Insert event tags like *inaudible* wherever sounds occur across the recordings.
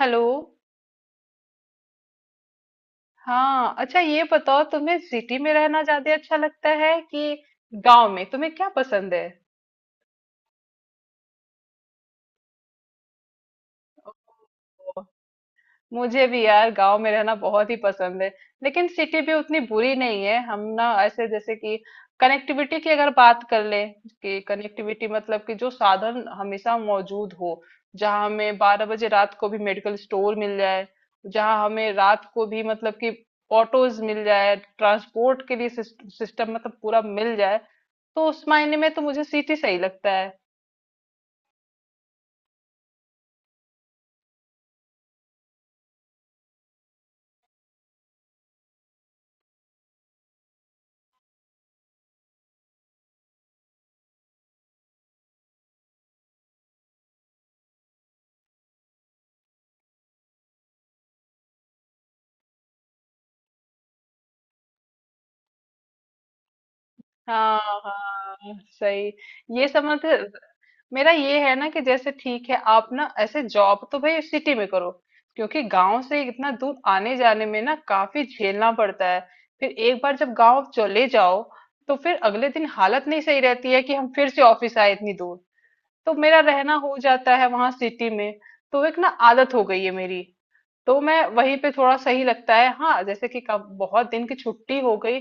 Hello. हाँ, अच्छा, ये बताओ तुम्हें सिटी में रहना ज्यादा अच्छा लगता है कि गांव में? तुम्हें क्या पसंद है? मुझे भी यार गांव में रहना बहुत ही पसंद है। लेकिन सिटी भी उतनी बुरी नहीं है। हम ना ऐसे जैसे कि कनेक्टिविटी की अगर बात कर ले, कि कनेक्टिविटी मतलब कि जो साधन हमेशा मौजूद हो, जहाँ हमें 12 बजे रात को भी मेडिकल स्टोर मिल जाए, जहाँ हमें रात को भी मतलब कि ऑटोज मिल जाए ट्रांसपोर्ट के लिए, सिस्टम मतलब पूरा मिल जाए। तो उस मायने में तो मुझे सिटी सही लगता है। हाँ, हाँ, सही। ये समझ। मेरा ये है ना, कि जैसे ठीक है, आप ना ऐसे जॉब तो भाई सिटी में करो, क्योंकि गांव से इतना दूर आने जाने में ना काफी झेलना पड़ता है। फिर एक बार जब गांव चले जाओ, तो फिर अगले दिन हालत नहीं सही रहती है कि हम फिर से ऑफिस आए इतनी दूर। तो मेरा रहना हो जाता है वहां सिटी में। तो एक ना आदत हो गई है मेरी। तो मैं वहीं पे, थोड़ा सही लगता है। हाँ, जैसे कि कब बहुत दिन की छुट्टी हो गई,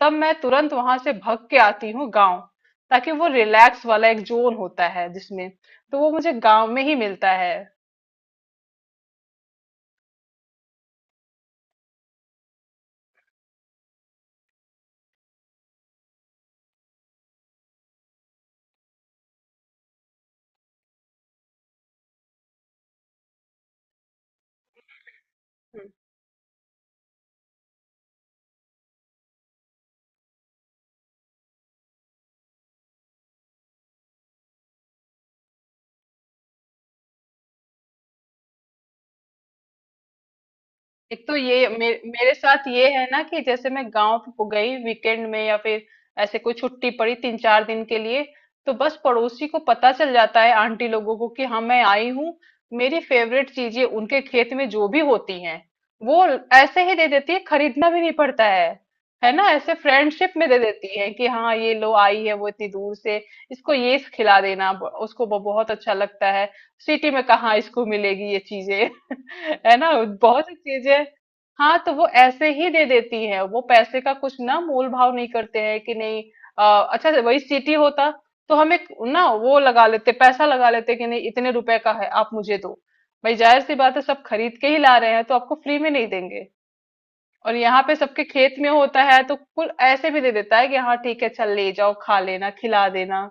तब मैं तुरंत वहां से भाग के आती हूँ गांव, ताकि वो रिलैक्स वाला एक जोन होता है जिसमें, तो वो मुझे गांव में ही मिलता है। एक तो ये मेरे साथ ये है ना, कि जैसे मैं गांव गई वीकेंड में या फिर ऐसे कोई छुट्टी पड़ी 3-4 दिन के लिए, तो बस पड़ोसी को पता चल जाता है, आंटी लोगों को, कि हाँ मैं आई हूँ। मेरी फेवरेट चीजें उनके खेत में जो भी होती हैं, वो ऐसे ही दे देती है, खरीदना भी नहीं पड़ता है। है ना, ऐसे फ्रेंडशिप में दे देती है कि हाँ ये लो, आई है वो इतनी दूर से, इसको ये खिला देना। उसको बहुत अच्छा लगता है। सिटी में कहाँ इसको मिलेगी ये चीजें? है ना। बहुत सी चीजें। हाँ, तो वो ऐसे ही दे देती है, वो पैसे का कुछ ना, मोल भाव नहीं करते हैं कि नहीं। अच्छा, वही सिटी होता तो हम एक ना वो लगा लेते, पैसा लगा लेते कि नहीं, इतने रुपए का है, आप मुझे दो। भाई जाहिर सी बात है, सब खरीद के ही ला रहे हैं, तो आपको फ्री में नहीं देंगे। और यहाँ पे सबके खेत में होता है, तो कुल ऐसे भी दे देता है कि हाँ ठीक है, चल ले जाओ, खा लेना, खिला देना।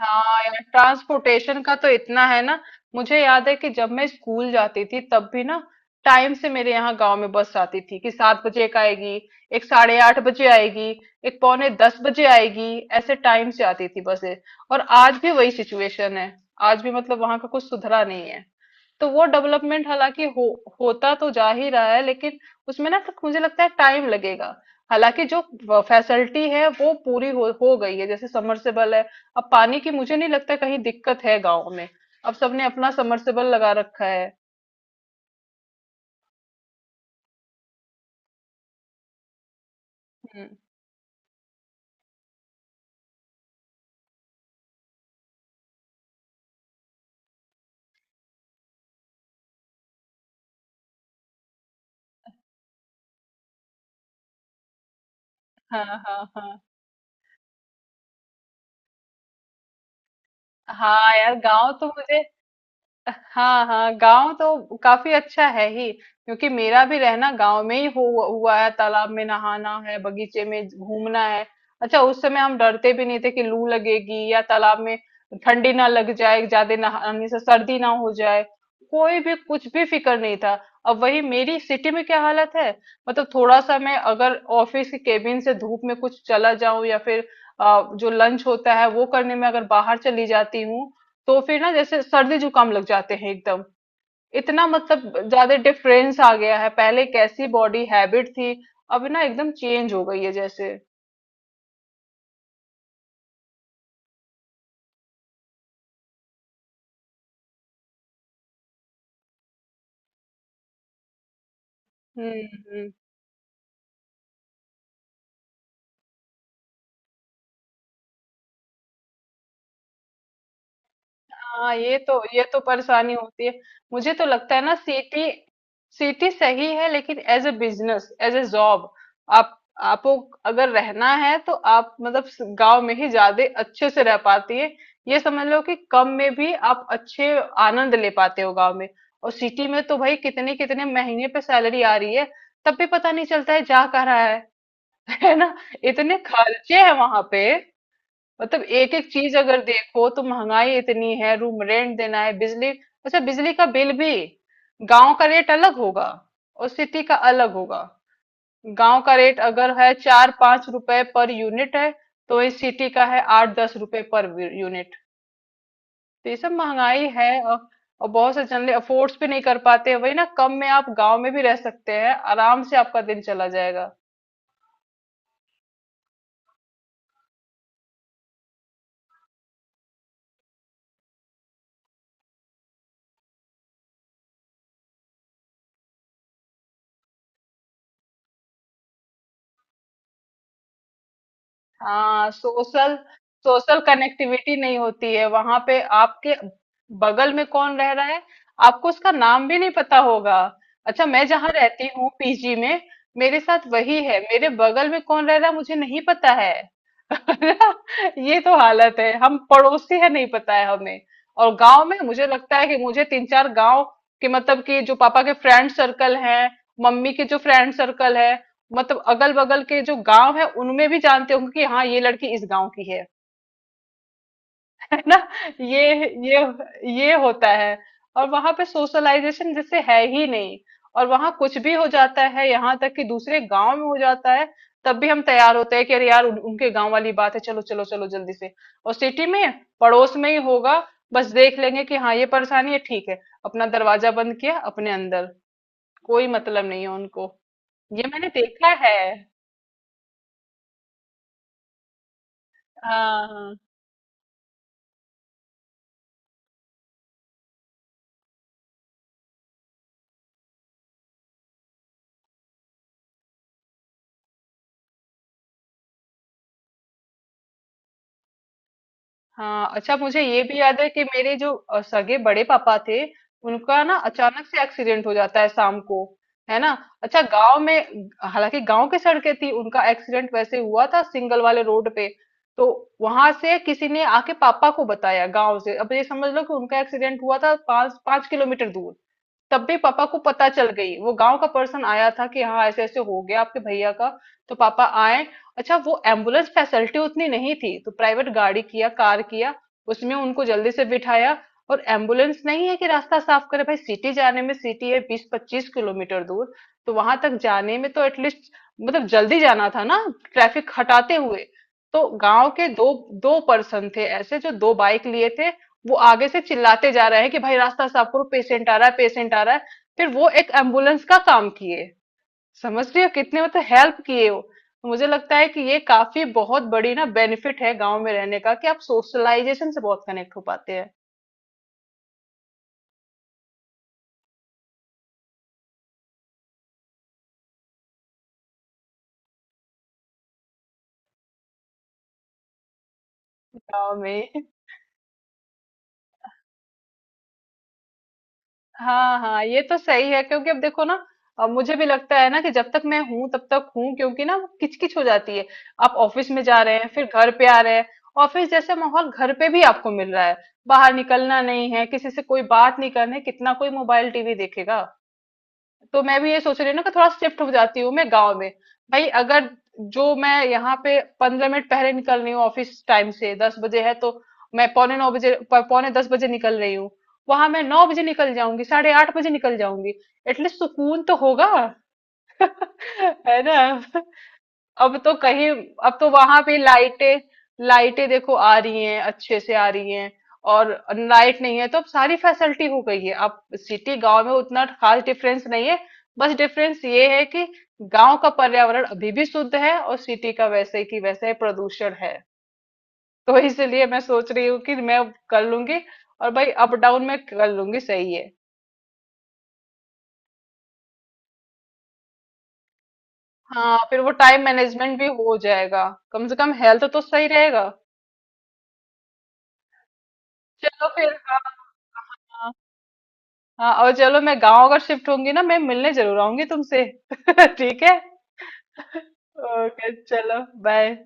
हाँ यार, ट्रांसपोर्टेशन का तो इतना है ना। मुझे याद है कि जब मैं स्कूल जाती थी तब भी ना, टाइम से मेरे यहाँ गांव में बस आती थी, कि 7 बजे एक आएगी, एक 8:30 बजे आएगी, एक 9:45 बजे आएगी, ऐसे टाइम से आती थी बसें। और आज भी वही सिचुएशन है। आज भी मतलब वहां का कुछ सुधरा नहीं है। तो वो डेवलपमेंट हालांकि हो होता तो जा ही रहा है, लेकिन उसमें ना तक मुझे लगता है टाइम लगेगा। हालांकि जो फैसिलिटी है वो पूरी हो गई है, जैसे समरसेबल है। अब पानी की मुझे नहीं लगता कहीं दिक्कत है गाँव में, अब सबने अपना समरसेबल लगा रखा है। हम्म। हाँ, हाँ, हाँ। हाँ यार, गांव तो मुझे। हाँ, हाँ, गांव तो काफी अच्छा है ही, क्योंकि मेरा भी रहना गांव में ही हुआ है। तालाब में नहाना है, बगीचे में घूमना है। अच्छा, उस समय हम डरते भी नहीं थे कि लू लगेगी, या तालाब में ठंडी ना लग जाए, ज्यादा नहाने से सर्दी ना हो जाए। कोई भी कुछ भी फिक्र नहीं था। अब वही, मेरी सिटी में क्या हालत है। मतलब थोड़ा सा मैं अगर ऑफिस के केबिन से धूप में कुछ चला जाऊं, या फिर जो लंच होता है वो करने में अगर बाहर चली जाती हूँ, तो फिर ना जैसे सर्दी जुकाम लग जाते हैं एकदम। इतना मतलब ज्यादा डिफरेंस आ गया है। पहले कैसी बॉडी हैबिट थी, अब ना एकदम चेंज हो गई है जैसे। हम्म। हम्म। हाँ, ये तो परेशानी होती है। मुझे तो लगता है ना सिटी, सिटी सही है, लेकिन as a business, as a job, आप आपको अगर रहना है, तो आप मतलब गांव में ही ज्यादा अच्छे से रह पाती है। ये समझ लो कि कम में भी आप अच्छे आनंद ले पाते हो गांव में। और सिटी में तो भाई कितने कितने महीने पे सैलरी आ रही है, तब भी पता नहीं चलता है जा कहाँ रहा है। *laughs* है ना। इतने खर्चे हैं वहां पे, मतलब एक एक चीज अगर देखो तो महंगाई इतनी है। रूम रेंट देना है, बिजली। अच्छा, बिजली का बिल भी, गांव का रेट अलग होगा और सिटी का अलग होगा। गांव का रेट अगर है 4-5 रुपए पर यूनिट है, तो इस सिटी का है 8-10 रुपए पर यूनिट। तो ये सब महंगाई है, और बहुत से जन अफोर्ड्स भी नहीं कर पाते। वही ना, कम में आप गांव में भी रह सकते हैं आराम से, आपका दिन चला जाएगा। हाँ, सोशल, सोशल कनेक्टिविटी नहीं होती है वहां पे। आपके बगल में कौन रह रहा है, आपको उसका नाम भी नहीं पता होगा। अच्छा, मैं जहाँ रहती हूँ पीजी में, मेरे साथ वही है, मेरे बगल में कौन रह रहा है, मुझे नहीं पता है। *laughs* ये तो हालत है, हम पड़ोसी है नहीं पता है हमें। और गांव में मुझे लगता है कि मुझे तीन चार गांव के, मतलब कि जो पापा के फ्रेंड सर्कल है, मम्मी के जो फ्रेंड सर्कल है, मतलब अगल बगल के जो गांव है, उनमें भी जानते होंगे कि हाँ, ये लड़की इस गांव की है। है ना। ये ये ये होता है। और वहां पे सोशलाइजेशन जैसे है ही नहीं, और वहां कुछ भी हो जाता है, यहाँ तक कि दूसरे गांव में हो जाता है, तब भी हम तैयार होते हैं कि अरे यार उनके गांव वाली बात है, चलो चलो चलो, जल्दी से। और सिटी में पड़ोस में ही होगा, बस देख लेंगे कि हाँ ये परेशानी है, ठीक है, अपना दरवाजा बंद किया, अपने अंदर, कोई मतलब नहीं है उनको। ये मैंने देखा है। हाँ, हाँ। हाँ, अच्छा, मुझे ये भी याद है कि मेरे जो सगे बड़े पापा थे, उनका ना अचानक से एक्सीडेंट हो जाता है शाम को, है ना। अच्छा, गांव में, हालांकि गांव की सड़कें थी, उनका एक्सीडेंट वैसे हुआ था सिंगल वाले रोड पे। तो वहां से किसी ने आके पापा को बताया गांव से, अब ये समझ लो कि उनका एक्सीडेंट हुआ था पांच पांच किलोमीटर दूर। तब भी पापा को पता चल गई, वो गांव का पर्सन आया था कि हाँ ऐसे ऐसे हो गया आपके भैया का। तो पापा आए। अच्छा, वो एम्बुलेंस फैसिलिटी उतनी नहीं थी, तो प्राइवेट गाड़ी किया, कार किया, उसमें उनको जल्दी से बिठाया। और एम्बुलेंस नहीं है कि रास्ता साफ करे, भाई सिटी जाने में, सिटी है 20-25 किलोमीटर दूर। तो वहां तक जाने में तो एटलीस्ट, मतलब जल्दी जाना था ना, ट्रैफिक हटाते हुए। तो गांव के दो दो पर्सन थे ऐसे, जो दो बाइक लिए थे, वो आगे से चिल्लाते जा रहे हैं कि भाई रास्ता साफ करो, पेशेंट आ रहा है, पेशेंट आ रहा है। फिर वो एक एम्बुलेंस का काम किए। समझ रही हो कितने मतलब हेल्प किए वो। तो मुझे लगता है कि ये काफी बहुत बड़ी ना बेनिफिट है गांव में रहने का, कि आप सोशलाइजेशन से बहुत कनेक्ट हो पाते हैं गांव में। हाँ, हाँ, ये तो सही है, क्योंकि अब देखो ना, अब मुझे भी लगता है ना कि जब तक मैं हूं तब तक हूं, क्योंकि ना वो किचकिच हो जाती है। आप ऑफिस में जा रहे हैं फिर घर पे आ रहे हैं, ऑफिस जैसे माहौल घर पे भी आपको मिल रहा है। बाहर निकलना नहीं है, किसी से कोई बात नहीं करनी, कितना कोई मोबाइल टीवी देखेगा? तो मैं भी ये सोच रही हूँ ना कि थोड़ा शिफ्ट हो जाती हूँ मैं गांव में। भाई अगर, जो मैं यहाँ पे 15 मिनट पहले निकल रही हूँ ऑफिस टाइम से, 10 बजे है तो मैं 8:45 बजे 9:45 बजे निकल रही हूँ, वहां मैं 9 बजे निकल जाऊंगी, 8:30 बजे निकल जाऊंगी, एटलीस्ट सुकून तो होगा। *laughs* है ना। अब तो कहीं, अब तो वहां पे लाइटें, लाइटें देखो आ रही हैं, अच्छे से आ रही हैं। और लाइट नहीं है तो, अब सारी फैसिलिटी हो गई है, अब सिटी गांव में उतना खास डिफरेंस नहीं है। बस डिफरेंस ये है कि गांव का पर्यावरण अभी भी शुद्ध है और सिटी का वैसे की वैसे प्रदूषण है। तो इसलिए मैं सोच रही हूँ कि मैं कर लूंगी, और भाई अप डाउन में कर लूंगी, सही है। हाँ, फिर वो टाइम मैनेजमेंट भी हो जाएगा, कम से कम हेल्थ तो सही रहेगा। चलो फिर। हाँ, हाँ, और चलो, मैं गांव अगर शिफ्ट होंगी ना, मैं मिलने जरूर आऊंगी तुमसे। *laughs* ठीक है। ओके, चलो, बाय।